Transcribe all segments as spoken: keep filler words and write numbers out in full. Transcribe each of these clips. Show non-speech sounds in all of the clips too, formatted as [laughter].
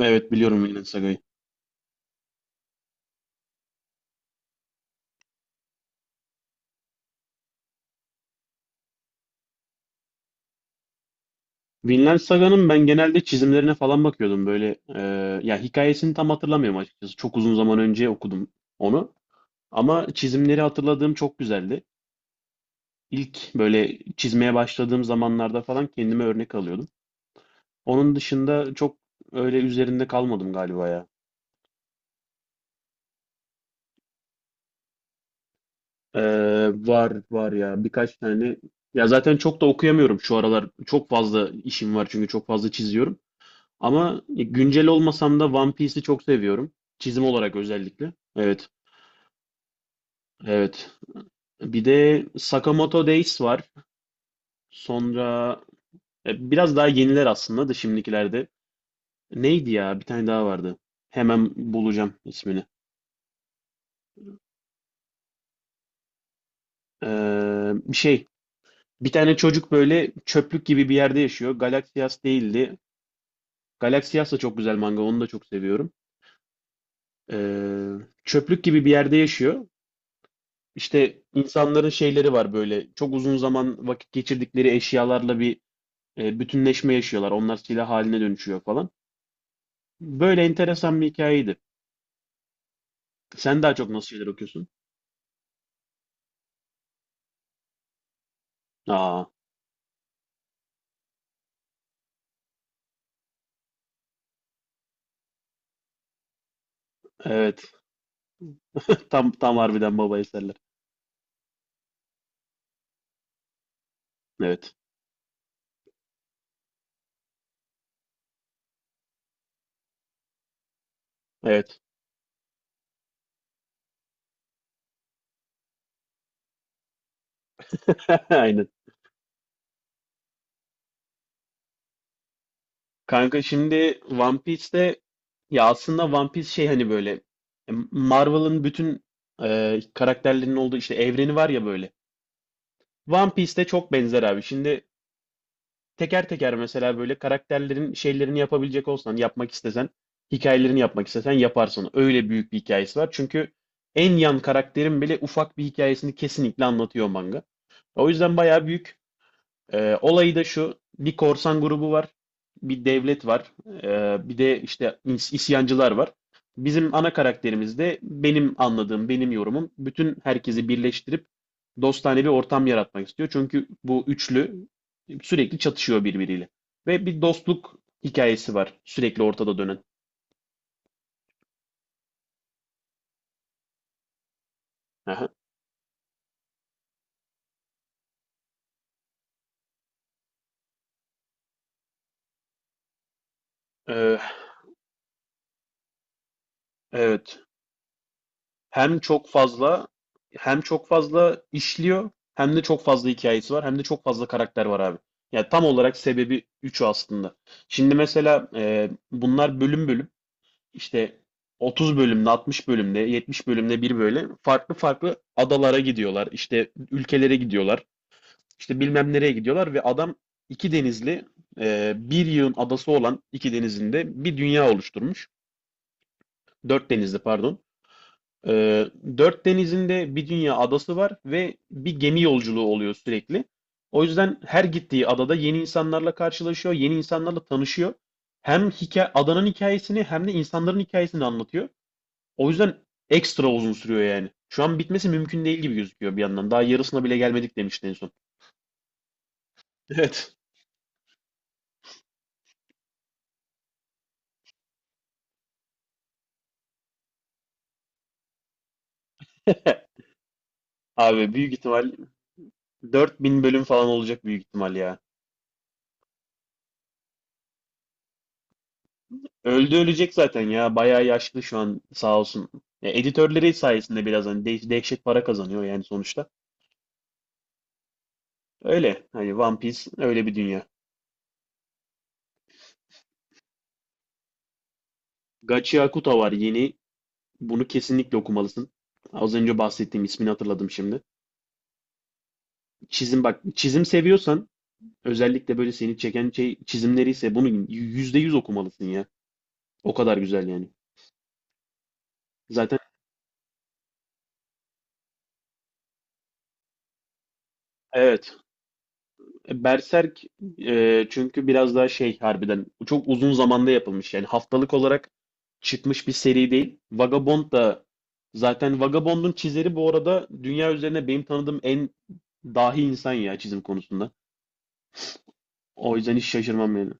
Evet biliyorum Vinland Saga'yı. Vinland Saga'nın ben genelde çizimlerine falan bakıyordum böyle. E, ya hikayesini tam hatırlamıyorum açıkçası. Çok uzun zaman önce okudum onu. Ama çizimleri hatırladığım çok güzeldi. İlk böyle çizmeye başladığım zamanlarda falan kendime örnek alıyordum. Onun dışında çok öyle üzerinde kalmadım galiba ya. E, Var var ya birkaç tane. Ya zaten çok da okuyamıyorum şu aralar. Çok fazla işim var çünkü çok fazla çiziyorum. Ama güncel olmasam da One Piece'i çok seviyorum. Çizim olarak özellikle. Evet, evet. Bir de Sakamoto Days var. Sonra e, biraz daha yeniler aslında da şimdikilerde. Neydi ya? Bir tane daha vardı. Hemen bulacağım ismini. Ee, bir şey. Bir tane çocuk böyle çöplük gibi bir yerde yaşıyor. Galaxias değildi. Galaxias da çok güzel manga. Onu da çok seviyorum. Ee, çöplük gibi bir yerde yaşıyor. İşte insanların şeyleri var böyle. Çok uzun zaman vakit geçirdikleri eşyalarla bir e, bütünleşme yaşıyorlar. Onlar silah haline dönüşüyor falan. Böyle enteresan bir hikayeydi. Sen daha çok nasıl şeyler okuyorsun? Aa, evet. Tam tam harbiden baba eserler. Evet. Evet. [laughs] Aynen. Kanka şimdi One Piece'te ya aslında One Piece şey hani böyle e, Marvel'ın bütün e, karakterlerinin olduğu işte evreni var ya böyle. One Piece'te çok benzer abi. Şimdi teker teker mesela böyle karakterlerin şeylerini yapabilecek olsan, yapmak istesen, hikayelerini yapmak istesen yaparsın. Öyle büyük bir hikayesi var. Çünkü en yan karakterin bile ufak bir hikayesini kesinlikle anlatıyor manga. O yüzden bayağı büyük. Ee, olayı da şu, bir korsan grubu var, bir devlet var, ee, bir de işte is- isyancılar var. Bizim ana karakterimiz de benim anladığım, benim yorumum bütün herkesi birleştirip dostane bir ortam yaratmak istiyor. Çünkü bu üçlü sürekli çatışıyor birbiriyle. Ve bir dostluk hikayesi var sürekli ortada dönen. Aha. Ee, evet. Hem çok fazla hem çok fazla işliyor hem de çok fazla hikayesi var hem de çok fazla karakter var abi. Yani tam olarak sebebi üçü aslında. Şimdi mesela e, bunlar bölüm bölüm işte otuz bölümde, altmış bölümde, yetmiş bölümde bir böyle farklı farklı adalara gidiyorlar. İşte ülkelere gidiyorlar. İşte bilmem nereye gidiyorlar ve adam iki denizli e, bir yığın adası olan iki denizinde bir dünya oluşturmuş. Dört denizli pardon. Ee, dört denizinde bir dünya adası var ve bir gemi yolculuğu oluyor sürekli. O yüzden her gittiği adada yeni insanlarla karşılaşıyor, yeni insanlarla tanışıyor. Hem hikaye, adanın hikayesini hem de insanların hikayesini anlatıyor. O yüzden ekstra uzun sürüyor yani. Şu an bitmesi mümkün değil gibi gözüküyor bir yandan. Daha yarısına bile gelmedik demişti en son. [laughs] Evet. Abi büyük ihtimal dört bin bölüm falan olacak büyük ihtimal ya. Öldü ölecek zaten ya. Bayağı yaşlı şu an sağ olsun. Ya, editörleri sayesinde biraz hani de- dehşet para kazanıyor yani sonuçta. Öyle. Hani One Piece öyle bir dünya. Gachi Akuta var yeni. Bunu kesinlikle okumalısın. Az önce bahsettiğim ismini hatırladım şimdi. Çizim bak çizim seviyorsan özellikle böyle seni çeken şey çizimleri ise bunu yüzde yüz okumalısın ya. O kadar güzel yani. Zaten evet. Berserk e, çünkü biraz daha şey harbiden çok uzun zamanda yapılmış yani haftalık olarak çıkmış bir seri değil. Vagabond da zaten Vagabond'un çizeri bu arada dünya üzerine benim tanıdığım en dahi insan ya çizim konusunda. O yüzden hiç şaşırmam yani.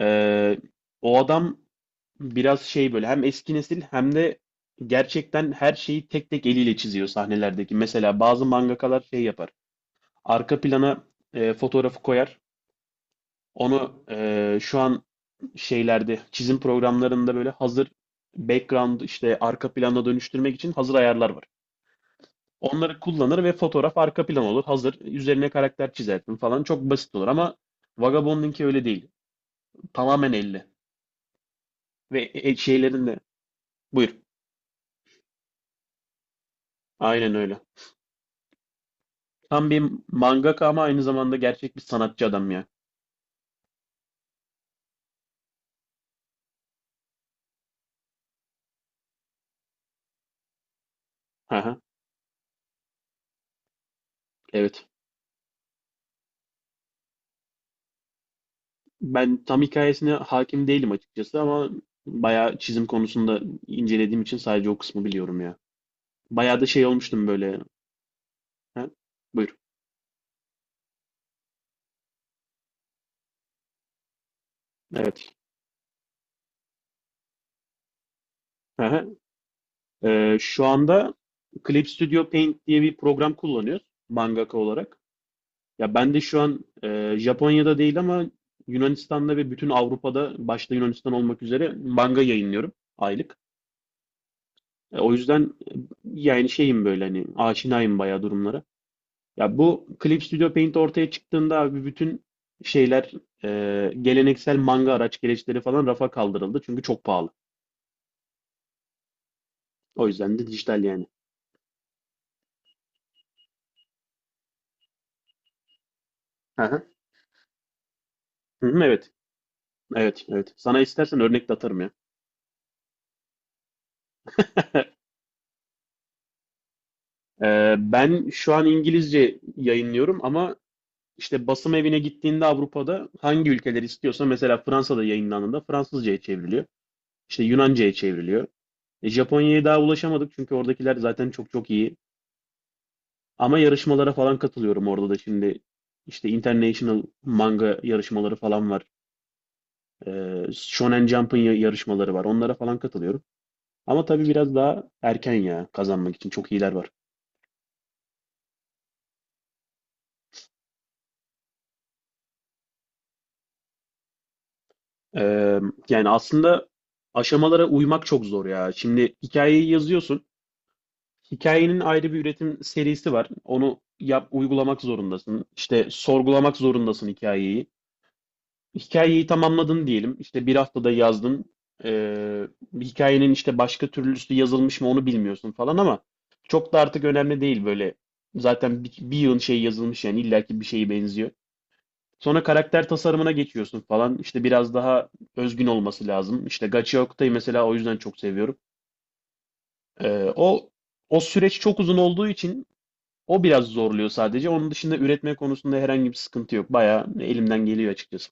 Ee, o adam biraz şey böyle hem eski nesil hem de gerçekten her şeyi tek tek eliyle çiziyor sahnelerdeki. Mesela bazı mangakalar şey yapar. Arka plana e, fotoğrafı koyar. Onu eee, şu an şeylerde çizim programlarında böyle hazır background işte arka plana dönüştürmek için hazır ayarlar var. Onları kullanır ve fotoğraf arka plan olur. Hazır üzerine karakter çizersin falan çok basit olur ama Vagabond'unki öyle değil. Tamamen elle ve e, e, şeylerin de buyur. Aynen öyle. Tam bir mangaka ama aynı zamanda gerçek bir sanatçı adam ya. Aha, evet. Ben tam hikayesine hakim değilim açıkçası ama bayağı çizim konusunda incelediğim için sadece o kısmı biliyorum ya. Bayağı da şey olmuştum böyle. Ha? Buyur. Evet. Hı. Ee, şu anda Clip Studio Paint diye bir program kullanıyoruz mangaka olarak. Ya ben de şu an e, Japonya'da değil ama Yunanistan'da ve bütün Avrupa'da başta Yunanistan olmak üzere manga yayınlıyorum aylık. E, o yüzden e, yani şeyim böyle hani aşinayım bayağı durumlara. Ya bu Clip Studio Paint ortaya çıktığında abi bütün şeyler e, geleneksel manga araç gereçleri falan rafa kaldırıldı çünkü çok pahalı. O yüzden de dijital yani. Hı hı. Hı hı, evet. Evet, evet. Sana istersen örnek de atarım ya. [laughs] Ee, ben şu an İngilizce yayınlıyorum ama işte basım evine gittiğinde Avrupa'da hangi ülkeler istiyorsa mesela Fransa'da yayınlandığında Fransızca'ya çevriliyor. İşte Yunanca'ya çevriliyor. E, Japonya'ya daha ulaşamadık çünkü oradakiler zaten çok çok iyi. Ama yarışmalara falan katılıyorum orada da şimdi. İşte International manga yarışmaları falan var. Ee, Shonen Jump'ın ya- yarışmaları var. Onlara falan katılıyorum. Ama tabii biraz daha erken ya kazanmak için çok iyiler var. Ee, yani aslında aşamalara uymak çok zor ya. Şimdi hikayeyi yazıyorsun. Hikayenin ayrı bir üretim serisi var. Onu yap, uygulamak zorundasın. İşte sorgulamak zorundasın hikayeyi. Hikayeyi tamamladın diyelim. İşte bir haftada yazdın. Ee, hikayenin işte başka türlüsü yazılmış mı onu bilmiyorsun falan ama çok da artık önemli değil böyle. Zaten bir, bir yığın şey yazılmış yani illaki bir şeye benziyor. Sonra karakter tasarımına geçiyorsun falan. İşte biraz daha özgün olması lazım. İşte Gachi Oku'yu mesela o yüzden çok seviyorum. Ee, o o süreç çok uzun olduğu için o biraz zorluyor sadece. Onun dışında üretme konusunda herhangi bir sıkıntı yok. Bayağı elimden geliyor açıkçası.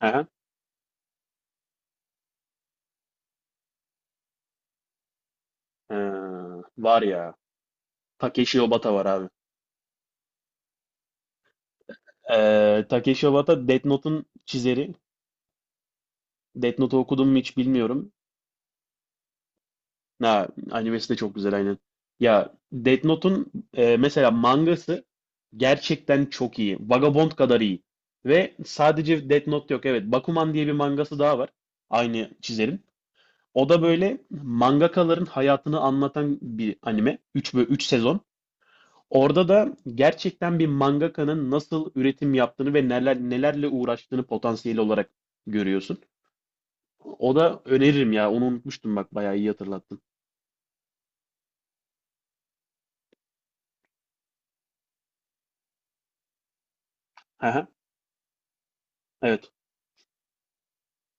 Aha. Ee, var ya. Takeshi Obata var abi. Ee, Takeshi Obata Death Note'un çizeri. Death Note'u okudum mu hiç bilmiyorum. Ha, animesi de çok güzel aynen. Ya Death Note'un e, mesela mangası gerçekten çok iyi. Vagabond kadar iyi. Ve sadece Death Note yok. Evet, Bakuman diye bir mangası daha var. Aynı çizerin. O da böyle mangakaların hayatını anlatan bir anime. Üç ve üç sezon. Orada da gerçekten bir mangakanın nasıl üretim yaptığını ve neler nelerle uğraştığını potansiyel olarak görüyorsun. O da öneririm ya. Onu unutmuştum bak. Bayağı iyi hatırlattın. Hı hı, evet.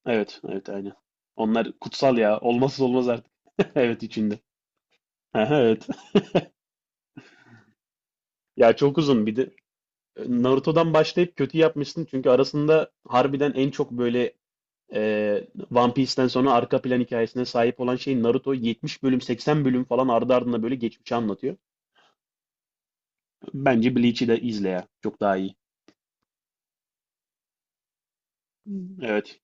Evet, evet aynen. Onlar kutsal ya. Olmazsa olmaz artık. [laughs] Evet içinde. Aha, evet. Ya çok uzun. Bir de e, Naruto'dan başlayıp kötü yapmışsın. Çünkü arasında harbiden en çok böyle e, One Piece'ten sonra arka plan hikayesine sahip olan şey Naruto yetmiş bölüm seksen bölüm falan ardı ardına böyle geçmişi anlatıyor. Bence Bleach'i de izle ya. Çok daha iyi. Evet.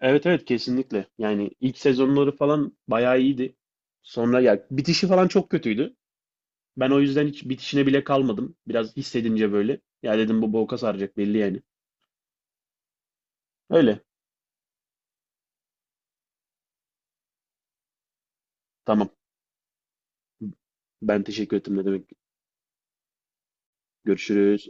Evet evet kesinlikle. Yani ilk sezonları falan bayağı iyiydi. Sonra ya bitişi falan çok kötüydü. Ben o yüzden hiç bitişine bile kalmadım. Biraz hissedince böyle. Ya dedim bu boka saracak belli yani. Öyle. Tamam. Ben teşekkür ettim ne demek. Görüşürüz.